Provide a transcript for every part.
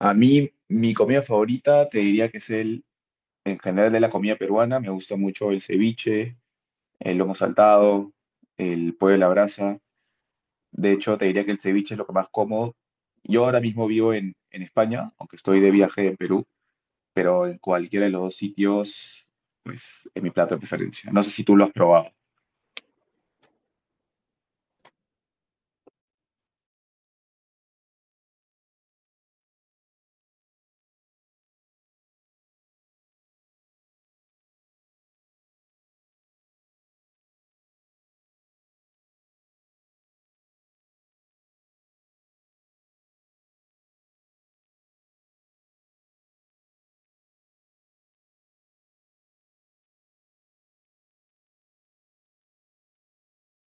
A mí, mi comida favorita te diría que es en general, de la comida peruana. Me gusta mucho el ceviche, el lomo saltado, el pollo a la brasa. De hecho, te diría que el ceviche es lo que más como. Yo ahora mismo vivo en España, aunque estoy de viaje en Perú, pero en cualquiera de los dos sitios, pues es mi plato de preferencia. No sé si tú lo has probado.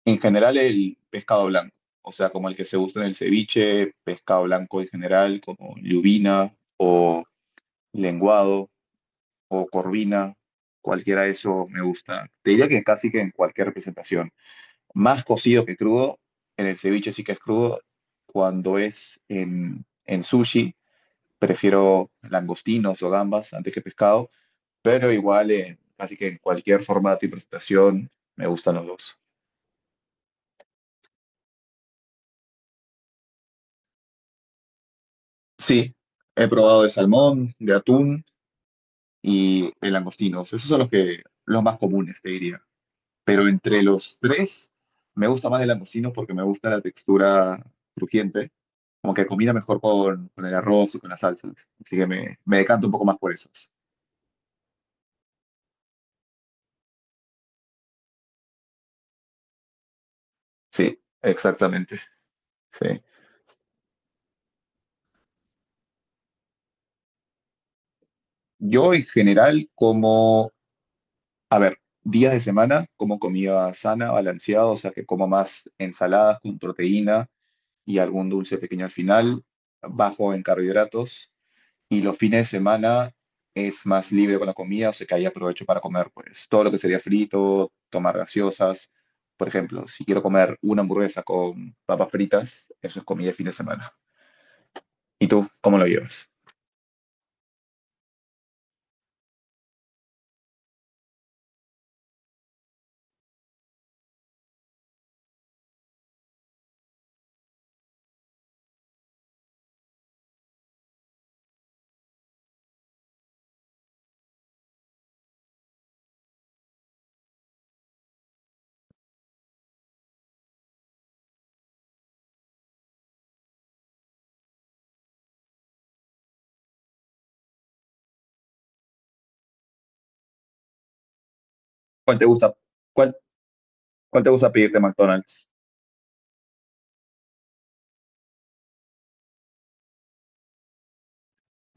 En general, el pescado blanco, o sea, como el que se gusta en el ceviche, pescado blanco en general, como lubina o lenguado o corvina, cualquiera de esos me gusta. Te diría que casi que en cualquier representación. Más cocido que crudo, en el ceviche sí que es crudo. Cuando es en sushi, prefiero langostinos o gambas antes que pescado, pero igual en, casi que en cualquier formato y presentación me gustan los dos. Sí, he probado de salmón, de atún y de langostinos. Esos son los que los más comunes, te diría. Pero entre los tres, me gusta más el langostino porque me gusta la textura crujiente, como que combina mejor con el arroz o con las salsas. Así que me decanto un poco más por esos. Sí, exactamente. Sí. Yo en general, como días de semana, como comida sana, balanceada, o sea que como más ensaladas con proteína y algún dulce pequeño al final, bajo en carbohidratos, y los fines de semana es más libre con la comida, o sea que ahí aprovecho para comer pues todo lo que sería frito, tomar gaseosas. Por ejemplo, si quiero comer una hamburguesa con papas fritas, eso es comida de fin de semana. ¿Y tú cómo lo llevas? ¿Cuál te gusta? ¿Cuál, cuál te gusta pedirte en McDonald's?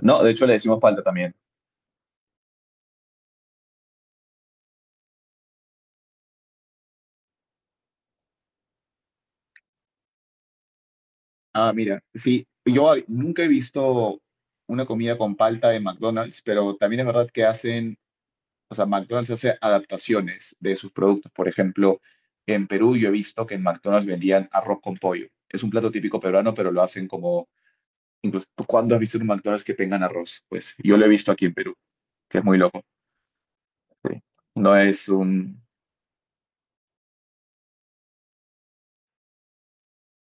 No, de hecho le decimos palta también. Ah, mira, sí, yo nunca he visto una comida con palta de McDonald's, pero también es verdad que hacen. O sea, McDonald's hace adaptaciones de sus productos. Por ejemplo, en Perú yo he visto que en McDonald's vendían arroz con pollo. Es un plato típico peruano, pero lo hacen como, incluso, ¿cuándo has visto en un McDonald's que tengan arroz? Pues yo lo he visto aquí en Perú, que es muy loco. Sí. No es un...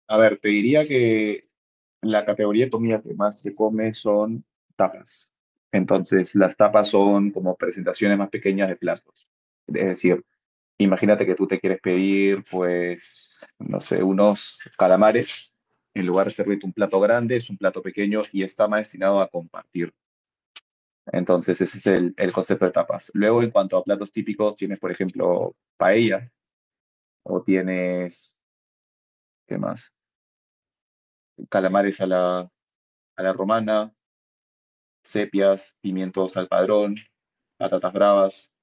A ver, te diría que la categoría de comida que más se come son tapas. Entonces, las tapas son como presentaciones más pequeñas de platos. Es decir, imagínate que tú te quieres pedir, pues, no sé, unos calamares. En lugar de servirte un plato grande, es un plato pequeño y está más destinado a compartir. Entonces, ese es el concepto de tapas. Luego, en cuanto a platos típicos, tienes, por ejemplo, paella o tienes, ¿qué más? Calamares a a la romana, sepias, pimientos al padrón, patatas bravas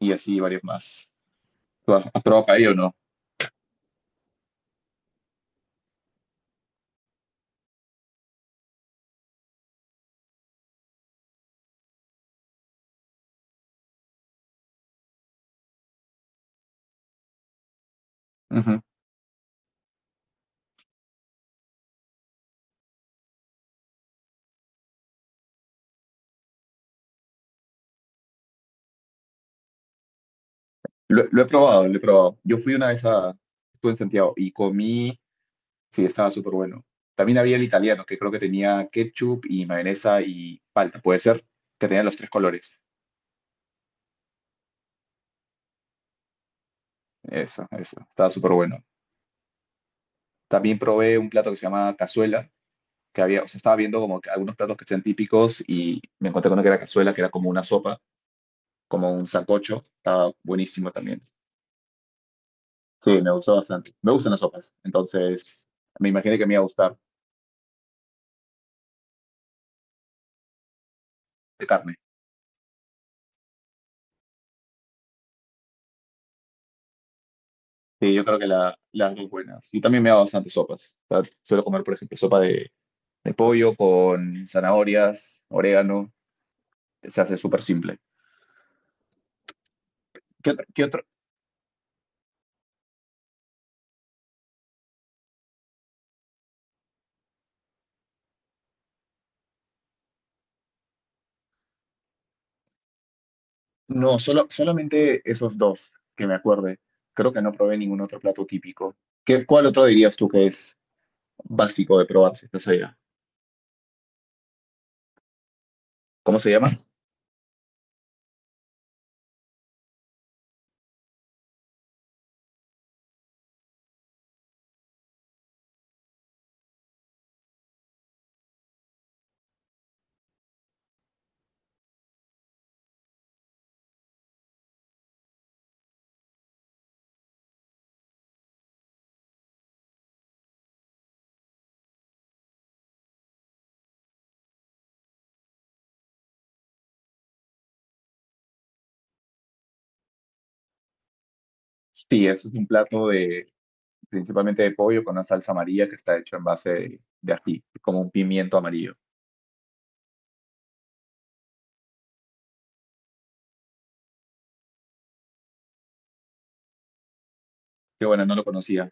y así varios más. ¿Tú has probado paella o no? Ujú. Lo he probado, lo he probado. Yo fui una vez a, estuve en Santiago y comí, sí, estaba súper bueno. También había el italiano, que creo que tenía ketchup y mayonesa y palta, puede ser, que tenía los tres colores. Eso, estaba súper bueno. También probé un plato que se llama cazuela, que había, o sea, estaba viendo como que algunos platos que sean típicos y me encontré con uno que era cazuela, que era como una sopa, como un sancocho, estaba buenísimo también. Sí, me gustó bastante. Me gustan las sopas, entonces me imaginé que me iba a gustar de carne. Sí, yo creo que la- las dos buenas. Yo también me hago bastantes sopas. O sea, suelo comer, por ejemplo, sopa de pollo con zanahorias, orégano. Se hace súper simple. ¿Qué otro? ¿Qué otro? No, solo, solamente esos dos que me acuerde. Creo que no probé ningún otro plato típico. ¿Qué, cuál otro dirías tú que es básico de probar si estás allá? ¿Cómo se llama? Sí, eso es un plato de principalmente de pollo con una salsa amarilla que está hecho en base de ají, como un pimiento amarillo. Qué bueno, no lo conocía.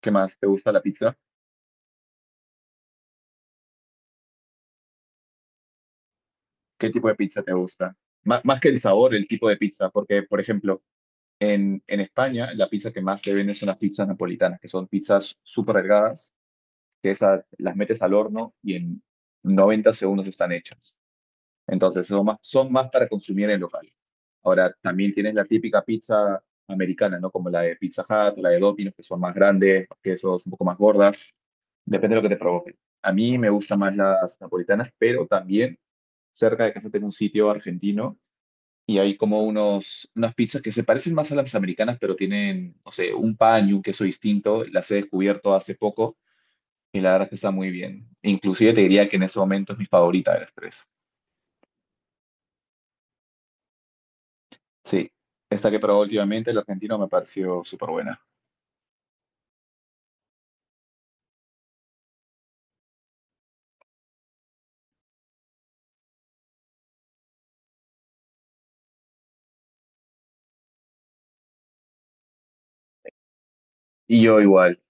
¿Qué más? ¿Te gusta la pizza? ¿Qué tipo de pizza te gusta? Má- más que el sabor, el tipo de pizza, porque, por ejemplo, en España la pizza que más te venden son las pizzas napolitanas, que son pizzas súper delgadas, que esas las metes al horno y en 90 segundos están hechas. Entonces, son más para consumir en local. Ahora, también tienes la típica pizza americana, ¿no? Como la de Pizza Hut, la de Domino's, que son más grandes, que son un poco más gordas. Depende de lo que te provoque. A mí me gustan más las napolitanas, pero también cerca de casa tengo un sitio argentino y hay como unas pizzas que se parecen más a las americanas, pero tienen, no sé, un pan y un queso distinto. Las he descubierto hace poco y la verdad es que está muy bien. Inclusive te diría que en ese momento es mi favorita de las tres. Sí, esta que probé últimamente, el argentino, me pareció súper buena. Y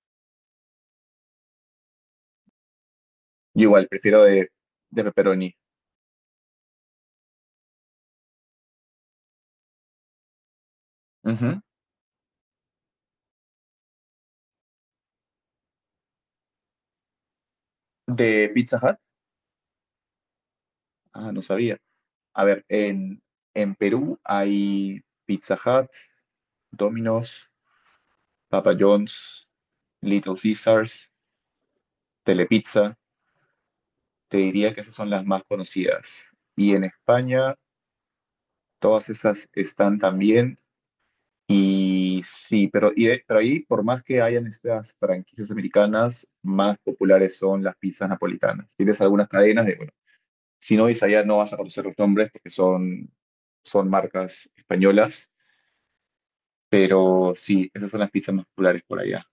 yo igual, prefiero de pepperoni. Ujú. De Pizza Hut. Ah, no sabía. A ver, en Perú hay Pizza Hut, Domino's, Papa John's, Little Caesars, Telepizza, te diría que esas son las más conocidas. Y en España, todas esas están también. Y sí, pero, y de- pero ahí, por más que hayan estas franquicias americanas, más populares son las pizzas napolitanas. Tienes algunas cadenas de, bueno, si no ves allá no vas a conocer los nombres porque son, son marcas españolas, pero sí, esas son las pizzas más populares por allá.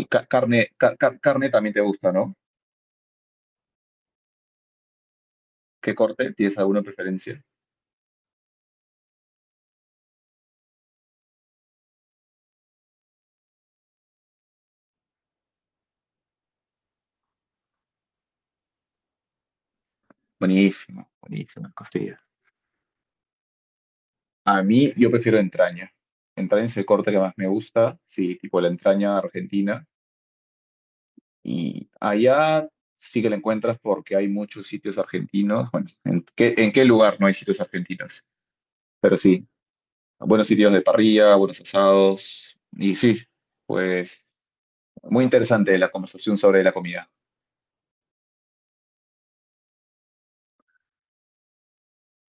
Y ca- carne, ca- ca- carne también te gusta, ¿no? ¿Qué corte? ¿Tienes alguna preferencia? Buenísimo, buenísimo, costilla. A mí, yo prefiero entraña. Entraña es el corte que más me gusta, sí, tipo la entraña argentina. Y allá sí que la encuentras porque hay muchos sitios argentinos. Bueno, en qué lugar no hay sitios argentinos? Pero sí, buenos sitios de parrilla, buenos asados. Y sí, pues muy interesante la conversación sobre la comida.